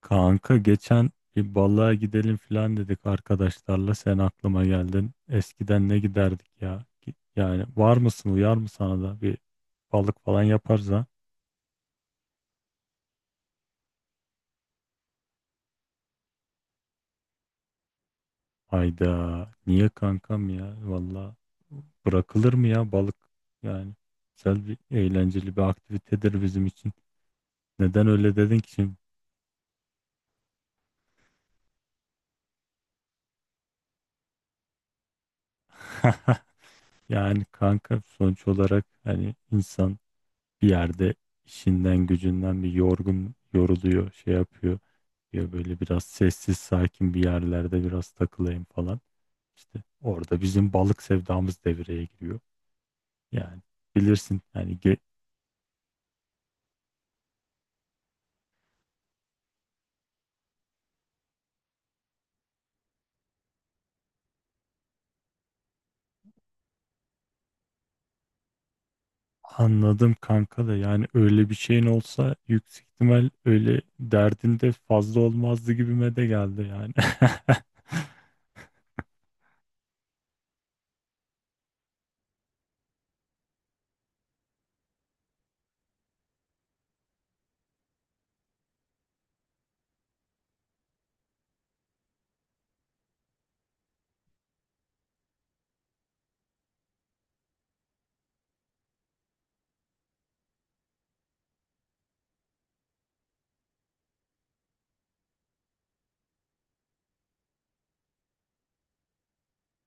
Kanka geçen bir balığa gidelim falan dedik arkadaşlarla. Sen aklıma geldin. Eskiden ne giderdik ya? Yani var mısın, uyar mı sana da bir balık falan yaparız, ha? Hayda, niye kankam ya? Valla bırakılır mı ya balık? Yani güzel bir, eğlenceli bir aktivitedir bizim için. Neden öyle dedin ki şimdi? Yani kanka sonuç olarak hani insan bir yerde işinden gücünden bir yorgun yoruluyor, şey yapıyor. Ya böyle biraz sessiz sakin bir yerlerde biraz takılayım falan. İşte orada bizim balık sevdamız devreye giriyor. Yani bilirsin yani anladım kanka, da yani öyle bir şeyin olsa yüksek ihtimal öyle derdinde fazla olmazdı gibime de geldi yani.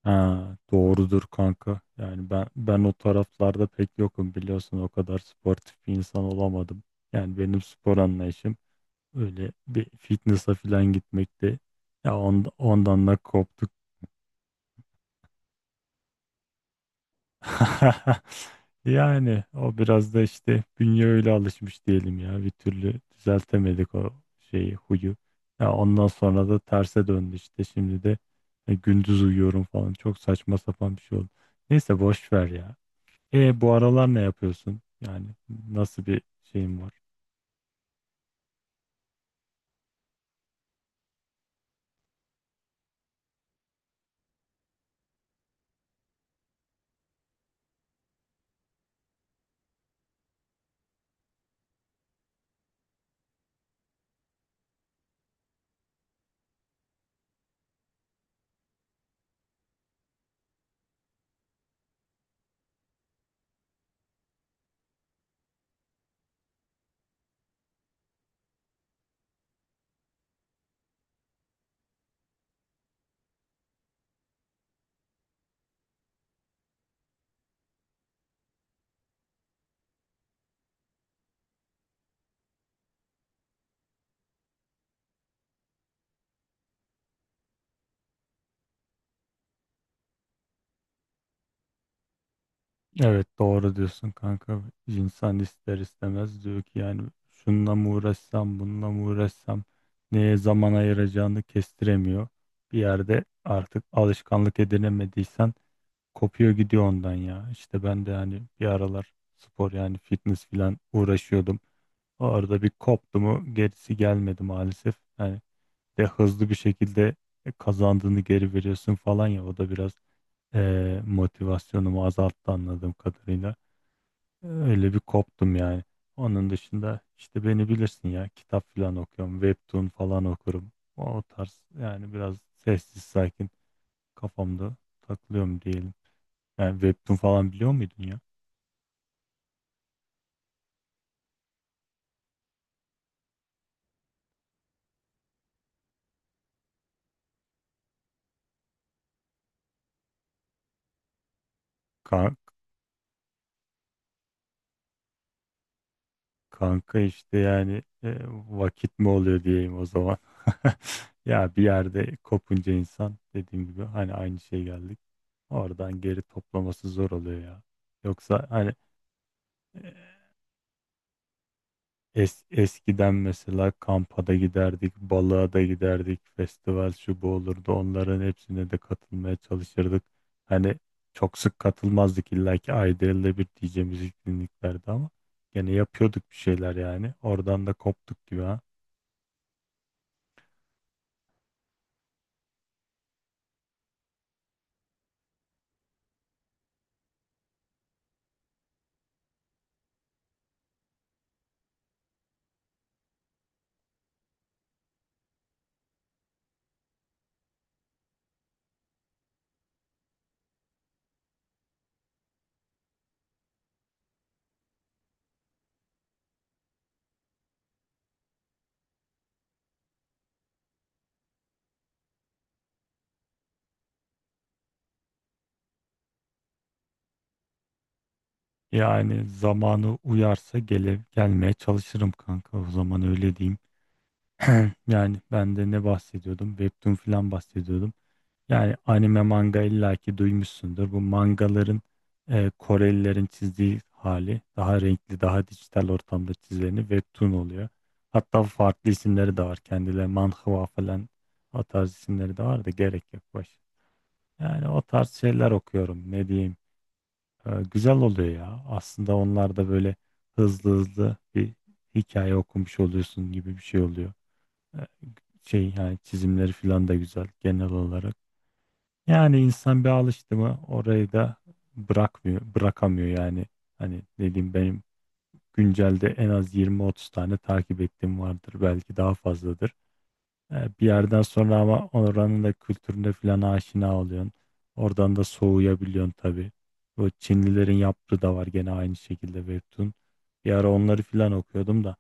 Ha, doğrudur kanka. Yani ben o taraflarda pek yokum, biliyorsun. O kadar sportif bir insan olamadım. Yani benim spor anlayışım öyle bir fitness'a falan gitmekte. Ya ondan da koptuk. Yani o biraz da işte bünye öyle alışmış diyelim ya. Bir türlü düzeltemedik o şeyi, huyu. Ya ondan sonra da terse döndü işte. Şimdi de gündüz uyuyorum falan. Çok saçma sapan bir şey oldu. Neyse, boş ver ya. E, bu aralar ne yapıyorsun? Yani nasıl bir şeyin var? Evet, doğru diyorsun kanka. İnsan ister istemez diyor ki yani şununla mı uğraşsam, bununla mı uğraşsam, neye zaman ayıracağını kestiremiyor. Bir yerde artık alışkanlık edinemediysen kopuyor, gidiyor ondan ya. İşte ben de hani bir aralar spor, yani fitness filan uğraşıyordum. O arada bir koptu mu gerisi gelmedi maalesef. Yani de hızlı bir şekilde kazandığını geri veriyorsun falan ya, o da biraz motivasyonumu azalttı anladığım kadarıyla. Öyle bir koptum yani. Onun dışında işte beni bilirsin ya, kitap falan okuyorum. Webtoon falan okurum. O tarz yani, biraz sessiz sakin kafamda takılıyorum diyelim. Yani Webtoon falan biliyor muydun ya? Ka- Kanka işte yani vakit mi oluyor diyeyim o zaman. Ya bir yerde kopunca insan dediğim gibi hani aynı şey geldik. Oradan geri toplaması zor oluyor ya. Yoksa hani e, eskiden mesela kampa da giderdik, balığa da giderdik, festival şu bu olurdu. Onların hepsine de katılmaya çalışırdık. Hani çok sık katılmazdık, illa ki ayda yılda bir diyeceğimiz etkinliklerdi ama gene yapıyorduk bir şeyler yani. Oradan da koptuk gibi ha. Yani zamanı uyarsa gelmeye çalışırım kanka, o zaman öyle diyeyim. Yani ben de ne bahsediyordum? Webtoon falan bahsediyordum. Yani anime, manga illaki duymuşsundur. Bu mangaların Korelilerin çizdiği hali, daha renkli, daha dijital ortamda çizileni webtoon oluyor. Hatta farklı isimleri de var. Kendileri manhwa falan, o tarz isimleri de var da gerek yok baş. Yani o tarz şeyler okuyorum. Ne diyeyim? E, güzel oluyor ya. Aslında onlar da böyle hızlı hızlı bir hikaye okumuş oluyorsun gibi bir şey oluyor. E, şey yani çizimleri falan da güzel genel olarak. Yani insan bir alıştı mı orayı da bırakmıyor, bırakamıyor yani. Hani dediğim, benim güncelde en az 20-30 tane takip ettiğim vardır. Belki daha fazladır. Bir yerden sonra ama oranın da kültürüne falan aşina oluyorsun. Oradan da soğuyabiliyorsun tabii. Bu Çinlilerin yaptığı da var gene aynı şekilde Webtoon. Bir ara onları falan okuyordum da.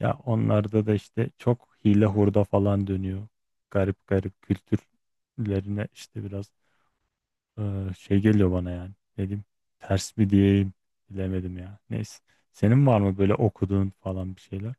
Ya onlarda da işte çok hile hurda falan dönüyor. Garip garip kültürlerine işte biraz şey geliyor bana yani. Dedim ters mi diyeyim, bilemedim ya. Neyse. Senin var mı böyle okuduğun falan bir şeyler?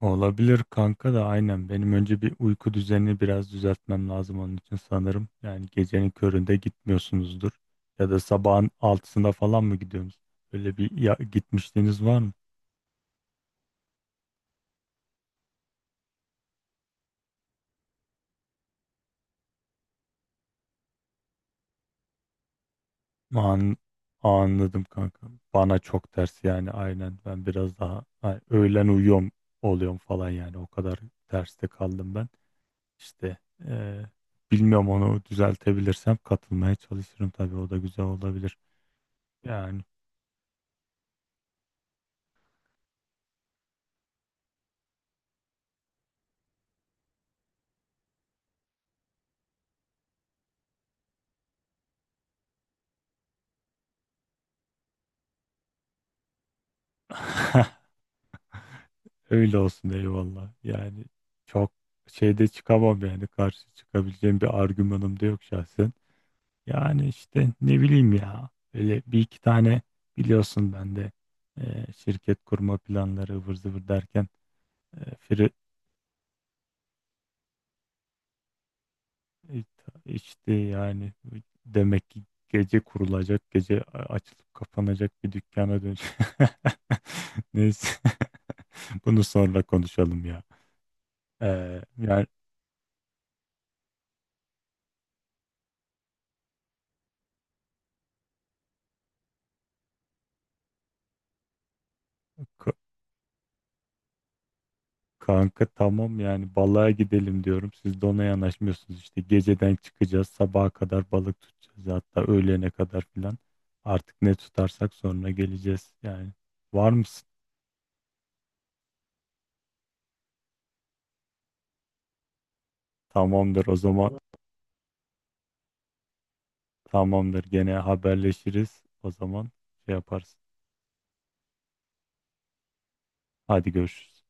Olabilir kanka, da aynen. Benim önce bir uyku düzenini biraz düzeltmem lazım onun için sanırım. Yani gecenin köründe gitmiyorsunuzdur. Ya da sabahın altısında falan mı gidiyorsunuz? Öyle bir ya, gitmişliğiniz var mı? An, anladım kanka. Bana çok ters yani aynen. Ben biraz daha öğlen uyuyorum oluyorum falan yani. O kadar terste kaldım ben. İşte eee, bilmiyorum, onu düzeltebilirsem katılmaya çalışırım tabii, o da güzel olabilir. Yani öyle olsun, eyvallah. Yani çok şeyde çıkamam yani, karşı çıkabileceğim bir argümanım da yok şahsen. Yani işte ne bileyim ya, öyle bir iki tane biliyorsun, ben de şirket kurma planları ıvır zıvır derken İ- İşte yani demek ki gece kurulacak, açılıp kapanacak bir dükkana dönecek. Neyse. Bunu sonra konuşalım ya. Yani k- kanka tamam, yani balığa gidelim diyorum. Siz de ona yanaşmıyorsunuz işte. Geceden çıkacağız, sabaha kadar balık tutacağız, hatta öğlene kadar filan. Artık ne tutarsak sonra geleceğiz yani. Var mısın? Tamamdır o zaman. Tamamdır. Gene haberleşiriz. O zaman şey yaparsın. Hadi, görüşürüz.